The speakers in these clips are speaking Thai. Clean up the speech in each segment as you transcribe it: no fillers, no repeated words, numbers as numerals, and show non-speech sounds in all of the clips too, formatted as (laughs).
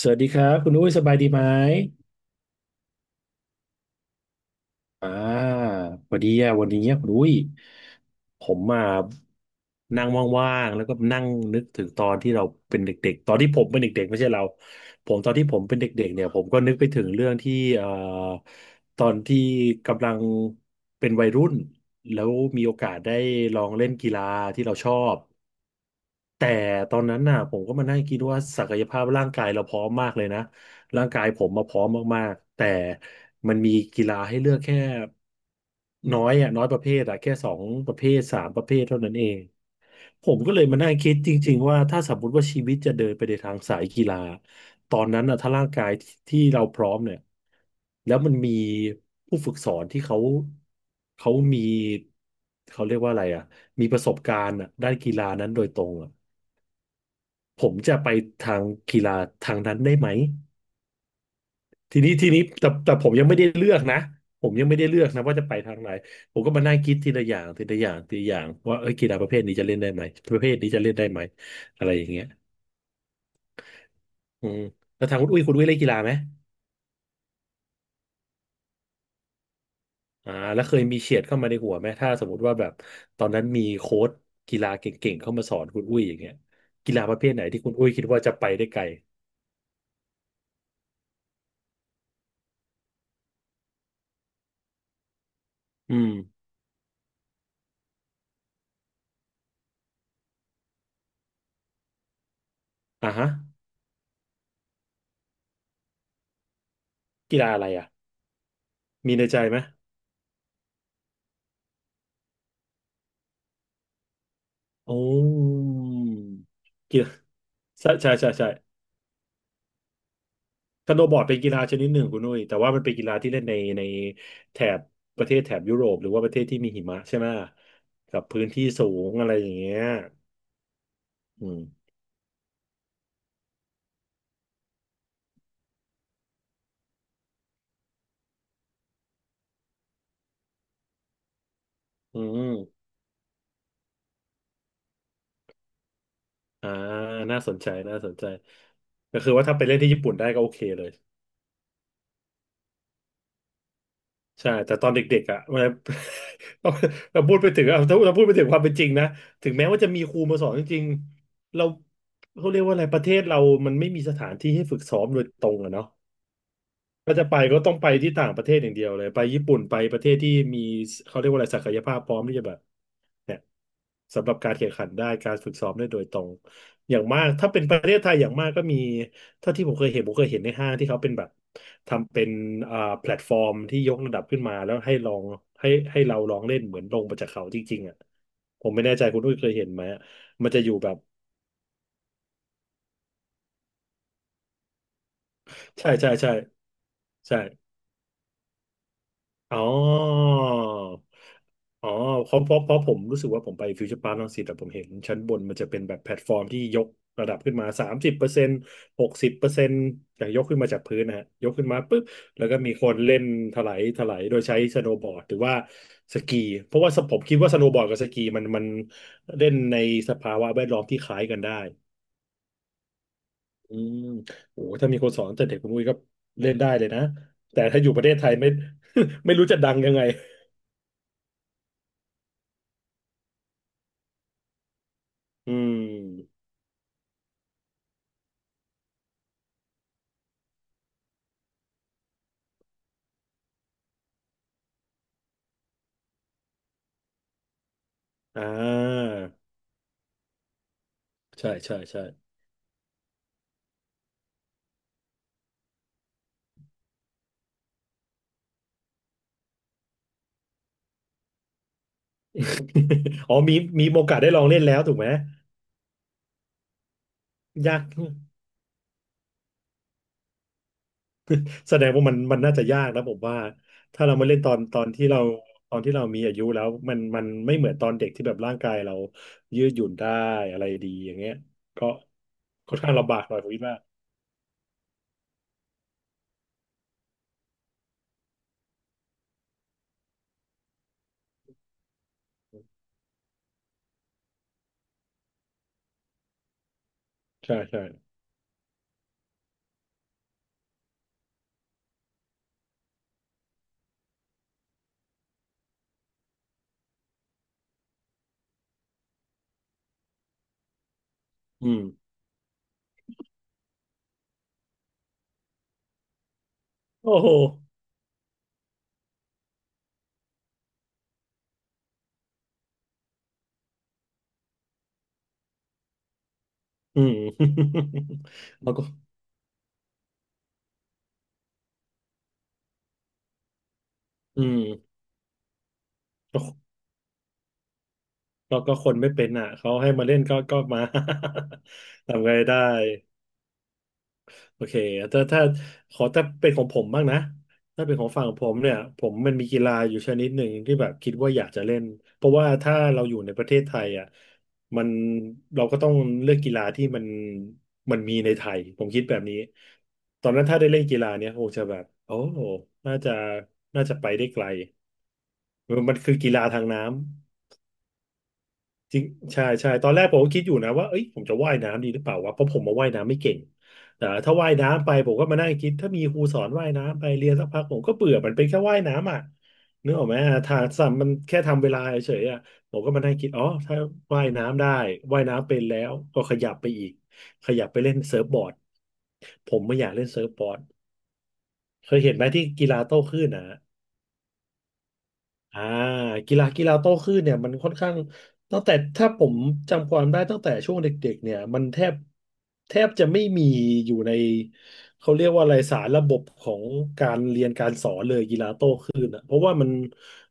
สวัสดีครับคุณอุ้ยสบายดีไหมอ่าพอดีอะวันนี้คุณอุ้ยผมมานั่งว่างๆแล้วก็นั่งนึกถึงตอนที่เราเป็นเด็กๆตอนที่ผมเป็นเด็กๆไม่ใช่เราผมตอนที่ผมเป็นเด็กๆเนี่ยผมก็นึกไปถึงเรื่องที่ตอนที่กำลังเป็นวัยรุ่นแล้วมีโอกาสได้ลองเล่นกีฬาที่เราชอบ แต่ตอนนั้นน่ะผมก็มานั่งคิดว่าศักยภาพร่างกายเราพร้อมมากเลยนะร่างกายผมมาพร้อมมากๆแต่มันมีกีฬาให้เลือกแค่น้อยอ่ะน้อยประเภทอ่ะแค่สองประเภทสามประเภทเท่านั้นเองผมก็เลยมานั่งคิดจริงๆว่าถ้าสมมติว่าชีวิตจะเดินไปในทางสายกีฬาตอนนั้นน่ะถ้าร่างกายที่เราพร้อมเนี่ยแล้วมันมีผู้ฝึกสอนที่เขาเขามีเขาเรียกว่าอะไรอ่ะมีประสบการณ์อะด้านกีฬานั้นโดยตรงอะ ผมจะไปทางกีฬาทางนั้นได้ไหมทีนี้แต่ผมยังไม่ได้เลือกนะผมยังไม่ได้เลือกนะว่าจะไปทางไหนผมก็มานั่งคิดทีละอย่างทีละอย่างทีละอย่างว่าเอ้ยกีฬาประเภทนี้จะเล่นได้ไหมประเภทนี้จะเล่นได้ไหมอะไรอย่างเงี้ยอืมแล้วทางคุณอุ้ยคุณอุ้ยเล่นกีฬาไหมอ่าแล้วเคยมีเฉียดเข้ามาในหัวไหมถ้าสมมติว่าแบบตอนนั้นมีโค้ชกีฬาเก่งๆเข้ามาสอนคุณอุ้ยอย่างเงี้ยกีฬาประเภทไหนที่คุณอุ้ยคิดว่าจะไปได้ไกลอืมอ่าฮะกีฬาอะไรอ่ะมีในใจไหม โอ้กีฬาใช่ใช่ใช่ใช่สโนว์บอร์ดเป็นกีฬาชนิดหนึ่งคุณนุ้ยแต่ว่ามันเป็นกีฬาที่เล่นในแถบประเทศแถบยุโรปหรือว่าประเทศที่มีหิมะใช่ไหมกับพื้นที่สูงอะไรอย่างเงี้ยอืมอืมอ่าน่าสนใจน่าสนใจก็คือว่าถ้าไปเล่นที่ญี่ปุ่นได้ก็โอเคเลย ใช่แต่ตอนเด็กๆอ่ะเวลา (laughs) เราพูดไปถึงอ่ะถ้าเราพูดไปถึงความเป็นจริงนะถึงแม้ว่าจะมีครูมาสอนจริงๆเราเขาเรียกว่าอะไรประเทศเรามันไม่มีสถานที่ให้ฝึกซ้อมโดยตรงอะเนาะถ้าจะไปก็ต้องไปที่ต่างประเทศอย่างเดียวเลยไปญี่ปุ่นไปประเทศที่มีเขาเรียกว่าอะไรศักยภาพพร้อมที่จะแบบ เนี่ยสำหรับการแข่งขันได้การฝึกซ้อมได้โดยตรงอย่างมากถ้าเป็นประเทศไทยอย่างมากก็มีเท่าที่ผมเคยเห็นผมเคยเห็นในห้างที่เขาเป็นแบบทำเป็นแพลตฟอร์มที่ยกระดับขึ้นมาแล้วให้ลองให้เราลองเล่นเหมือนลงมาจากเขาจริงๆอ่ะผมไม่แน่ใจคุณอุ้ยเคยเห็นไหมอะมันจะอยู่แบบใช่ใช่ใช่ใช่ อ๋อ อ๋อเพราะผมรู้สึกว่าผมไปฟิวเจอร์พาร์ครังสิตแต่ผมเห็นชั้นบนมันจะเป็นแบบแพลตฟอร์มที่ยกระดับขึ้นมา30%60%อย่างยกขึ้นมาจากพื้นนะฮะยกขึ้นมาปุ๊บแล้วก็มีคนเล่นถลายโดยใช้สโนว์บอร์ดหรือว่าสกีเพราะว่าสผมคิดว่าสโนว์บอร์ดกับสกีมันเล่นในสภาวะแวดล้อมที่คล้ายกันได้อืมโอ้ถ้ามีคนสอนตั้งแต่เด็กคุณอุ้ยก็เล่นได้เลยนะแต่ถ้าอยู่ประเทศไทยไม่ (laughs) ไม่รู้จะดังยังไง อืมอ่าใช่ใช่ใช่ (laughs) อ๋อมีมีโอกาสได้ลองเล่นแล้วถูกไหม ยาก (laughs) แสดงว่ามันน่าจะยากนะผมว่า ถ้าเรามาเล่นตอนที่เราตอนที่เรามีอายุแล้วมันไม่เหมือนตอนเด็กที่แบบร่างกายเรายืดหยุ่นได้อะไรดีอย่างเงี้ยก็ค่อนข้างลำบากหน่อยผมคิดว่าใช่ใช่อืม โอ้โห อืม (laughs) แล้วก็อืม ก็คนไม่เป็นอ่ะเขาให้มาเล่นก็มา (laughs) ทำไงได้โอเคถ้าขอถ้าเป็นของผมบ้างนะถ้าเป็นของฝั่งผมเนี่ยผมมันมีกีฬาอยู่ชนิดหนึ่งที่แบบคิดว่าอยากจะเล่นเพราะว่าถ้าเราอยู่ในประเทศไทยอ่ะมันเราก็ต้องเลือกกีฬาที่มันมันมีในไทยผมคิดแบบนี้ตอนนั้นถ้าได้เล่นกีฬาเนี่ยคงจะแบบโอ้น่าจะน่าจะไปได้ไกลมันคือกีฬาทางน้ำ จริงใช่ใช่ตอนแรกผมก็คิดอยู่นะว่าเอ้ยผมจะว่ายน้ำดีหรือเปล่าวะเพราะผมมาว่ายน้ำไม่เก่งแต่ถ้าว่ายน้ำไปผมก็มานั่งคิดถ้ามีครูสอนว่ายน้ำไปเรียนสักพักผมก็เบื่อมันเป็นแค่ว่ายน้ำอ่ะนึกออกไหมทางสัมมันแค่ทำเวลาเฉยๆอ่ะผมก็มานั่งคิดอ๋อถ้าว่ายน้ำได้ว่ายน้ำเป็นแล้วก็ขยับไปอีกขยับไปเล่นเซิร์ฟบอร์ดผมไม่อยากเล่นเซิร์ฟบอร์ดเคยเห็นไหมที่กีฬาโต้คลื่นนะ อ่ากีฬาโต้คลื่นเนี่ยมันค่อนข้างตั้งแต่ถ้าผมจำความได้ตั้งแต่ช่วงเด็กๆเนี่ยมันแทบจะไม่มีอยู่ในเขาเรียกว่าอะไรสารระบบของการเรียนการสอนเลยกีฬาโต้ อ่ะเพราะว่ามัน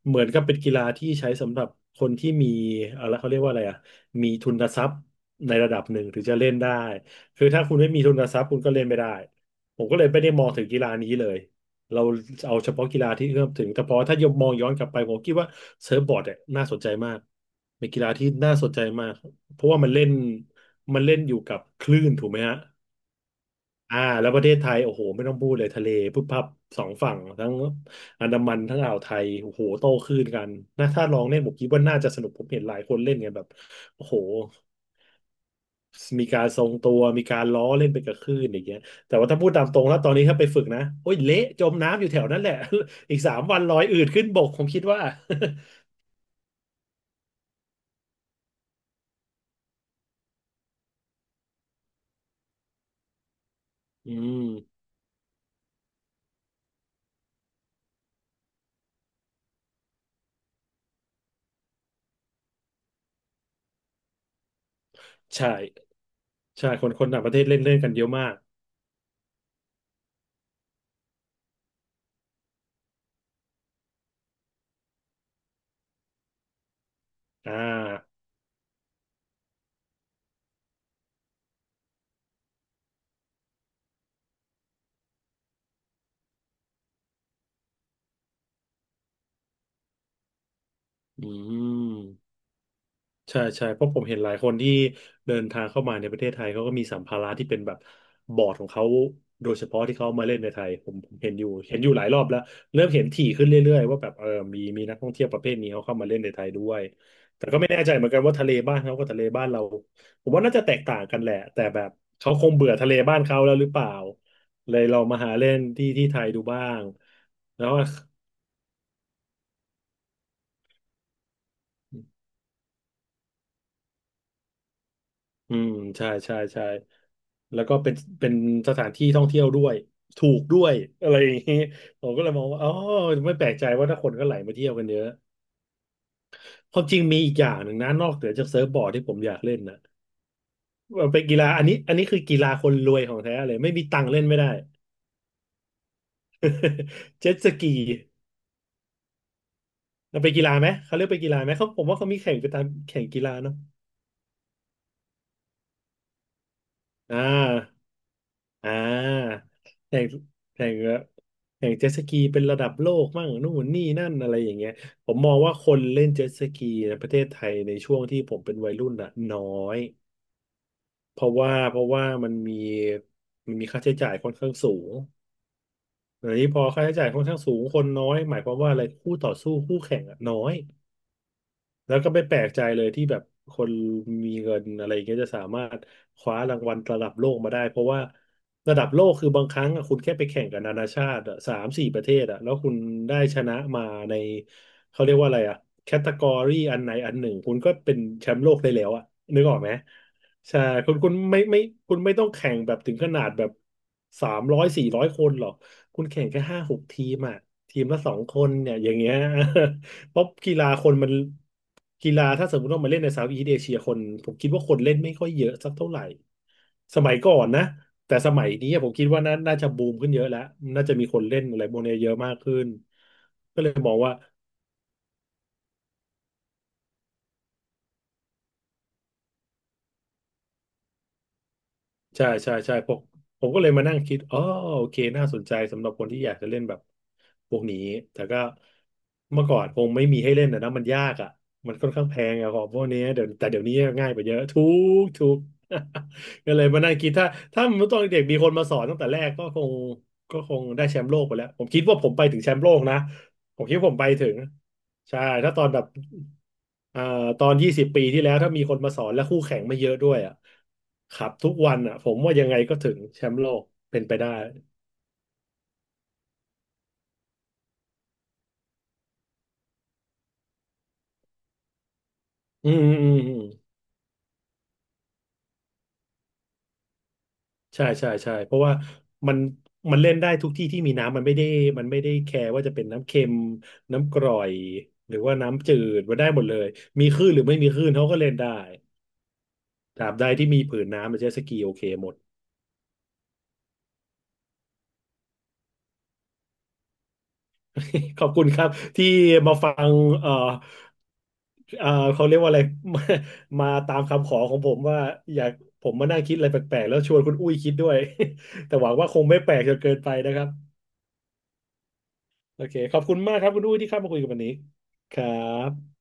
เหมือนกับเป็นกีฬาที่ใช้สำหรับคนที่มีอะไรเขาเรียกว่าอะไรอ่ะมีทุนทรัพย์ในระดับหนึ่งถึงจะเล่นได้คือถ้าคุณไม่มีทุนทรัพย์คุณก็เล่นไม่ได้ผมก็เลยไม่ได้มองถึงกีฬานี้เลยเราเอาเฉพาะกีฬาที่เอื้อมถึงแต่พอถ้ายมมองย้อนกลับไปผมคิดว่าเซิร์ฟบอร์ดเนี่ยน่าสนใจมากเป็นกีฬาที่น่าสนใจมากเพราะว่ามันเล่นอยู่กับคลื่นถูกไหมฮะ อ่าแล้วประเทศไทยโอ้โหไม่ต้องพูดเลยทะเลพุบพับสองฝั่งทั้งอันดามันทั้งอ่าวไทยโอ้โหโต้คลื่นกันนะถ้าลองเล่นผมคิดว่าน่าจะสนุกผมเห็นหลายคนเล่นกันแบบโอ้โหมีการทรงตัวมีการล้อเล่นไปกับคลื่นอย่างเงี้ยแต่ว่าถ้าพูดตามตรงแล้วตอนนี้ถ้าไปฝึกนะโอ้ยเละจมน้ำอยู่แถวนั้นแหละ (laughs) อีก3 วันลอยอืดขึ้นบกผมคิดว่า (laughs) อืมใช่ใช่คนต่างประเทศเล่นเล่นกันเยอะมากอ่าอืม ใช่ใช่เพราะผมเห็นหลายคนที่เดินทางเข้ามาในประเทศไทยเขาก็มีสัมภาระที่เป็นแบบบอร์ดของเขาโดยเฉพาะที่เขามาเล่นในไทยผมเห็นอยู่เห็นอยู่หลายรอบแล้วเริ่มเห็นถี่ขึ้นเรื่อยๆว่าแบบเออมีนักท่องเที่ยวประเภทนี้เขาเข้ามาเล่นในไทยด้วยแต่ก็ไม่แน่ใจเหมือนกันว่าทะเลบ้านเขากับทะเลบ้านเราผมว่าน่าจะแตกต่างกันแหละแต่แบบเขาคงเบื่อทะเลบ้านเขาแล้วหรือเปล่าเลยเรามาหาเล่นที่ที่ไทยดูบ้างแล้ว อืมใช่ใช่ใช่แล้วก็เป็นเป็นสถานที่ท่องเที่ยวด้วยถูกด้วยอะไรอย่างนี้ผมก็เลยมองว่าอ๋อไม่แปลกใจว่าถ้าคนก็ไหลมาเที่ยวกันเยอะความจริงมีอีกอย่างหนึ่งนะนอกเหนือจากเซิร์ฟบอร์ดที่ผมอยากเล่นนะมันเป็นกีฬาอันนี้คือกีฬาคนรวยของแท้เลยไม่มีตังค์เล่นไม่ได้ (laughs) เจ็ตสกีมันเป็นกีฬาไหมเขาเรียกเป็นกีฬาไหมเขาผมว่าเขามีแข่งไปตามแข่งกีฬาเนาะอ่า อ่าแข่งแข่งแบบแข่งเจ็ตสกีเป็นระดับโลกมั่งนู่นนี่นั่นอะไรอย่างเงี้ยผมมองว่าคนเล่นเจ็ตสกีในประเทศไทยในช่วงที่ผมเป็นวัยรุ่นน่ะน้อยเพราะว่ามันมีค่าใช้จ่ายค่อนข้างสูงอันนี้พอค่าใช้จ่ายค่อนข้างสูงคนน้อยหมายความว่าอะไรคู่ต่อสู้คู่แข่งอะน้อย แล้วก็ไม่แปลกใจเลยที่แบบคนมีเงินอะไรอย่างเงี้ยจะสามารถคว้ารางวัลระดับโลกมาได้เพราะว่าระดับโลกคือบางครั้งอะคุณแค่ไปแข่งกับนานาชาติอะสามสี่ประเทศอะแล้วคุณได้ชนะมาในเขาเรียกว่าอะไรอะแคตตากรีอันไหนอันหนึ่งคุณก็เป็นแชมป์โลกได้แล้วอะนึกออกไหมใช่คุณคุณไม่ไม่คุณไม่ต้องแข่งแบบถึงขนาดแบบสามร้อยสี่ร้อยคนหรอกคุณแข่งแค่ห้าหกทีมอะทีมละ2 คนเนี่ยอย่างเงี้ย เพราะกีฬาคนมันกีฬาถ้าสมมติว่ามาเล่นในเซาท์อีสต์เอเชียคนผมคิดว่าคนเล่นไม่ค่อยเยอะสักเท่าไหร่สมัยก่อนนะแต่สมัยนี้ผมคิดว่าน่าจะบูมขึ้นเยอะแล้วน่าจะมีคนเล่นอะไรพวกนี้เยอะมากขึ้นก็เลยมองว่า ใช่ใช่ใช่ผมก็เลยมานั่งคิดอ๋อโอเคน่าสนใจสำหรับคนที่อยากจะเล่นแบบพวกนี้แต่ก็เมื่อก่อนคงไม่มีให้เล่นนะมันยากอ่ะมันค่อนข้างแพงอะของพวกนี้เดี๋ยวแต่เดี๋ยวนี้ง่ายไปเยอะทุกทุก (laughs) ก็เลยมานั่งคิดถ้าถ้ามันตอนเด็กมีคนมาสอนตั้งแต่แรกก็คงได้แชมป์โลกไปแล้วผมคิดว่าผมไปถึงแชมป์โลกนะผมคิดว่าผมไปถึง ใช่ถ้าตอนแบบอ่าตอน20 ปีที่แล้วถ้ามีคนมาสอนและคู่แข่งไม่เยอะด้วยอ่ะครับทุกวันอ่ะผมว่ายังไงก็ถึงแชมป์โลกเป็นไปได้อืมอืมอืมอืมใช่ใช่ใช่เพราะว่ามันมันเล่นได้ทุกที่ที่มีน้ำมันไม่ได้มันไม่ได้แคร์ว่าจะเป็นน้ำเค็มน้ำกร่อยหรือว่าน้ำจืดมันได้หมดเลยมีคลื่นหรือไม่มีคลื่นเขาก็เล่นได้ตราบใดที่มีผืนน้ำมันเจ็ตสกีโอเคหมด (laughs) ขอบคุณครับที่มาฟังเอ่อเอ่อเขาเรียกว่าอะไร (laughs) มามาตามคำขอของผมว่าอยากผมมานั่งคิดอะไรแปลกๆแล้วชวนคุณอุ้ยคิดด้วย (laughs) แต่หวังว่าคงไม่แปลกจนเกินไปนะครับโอเคขอบคุณมากครับคุณอุ้ยที่เข้ามาคุยกับวันนี้ครับ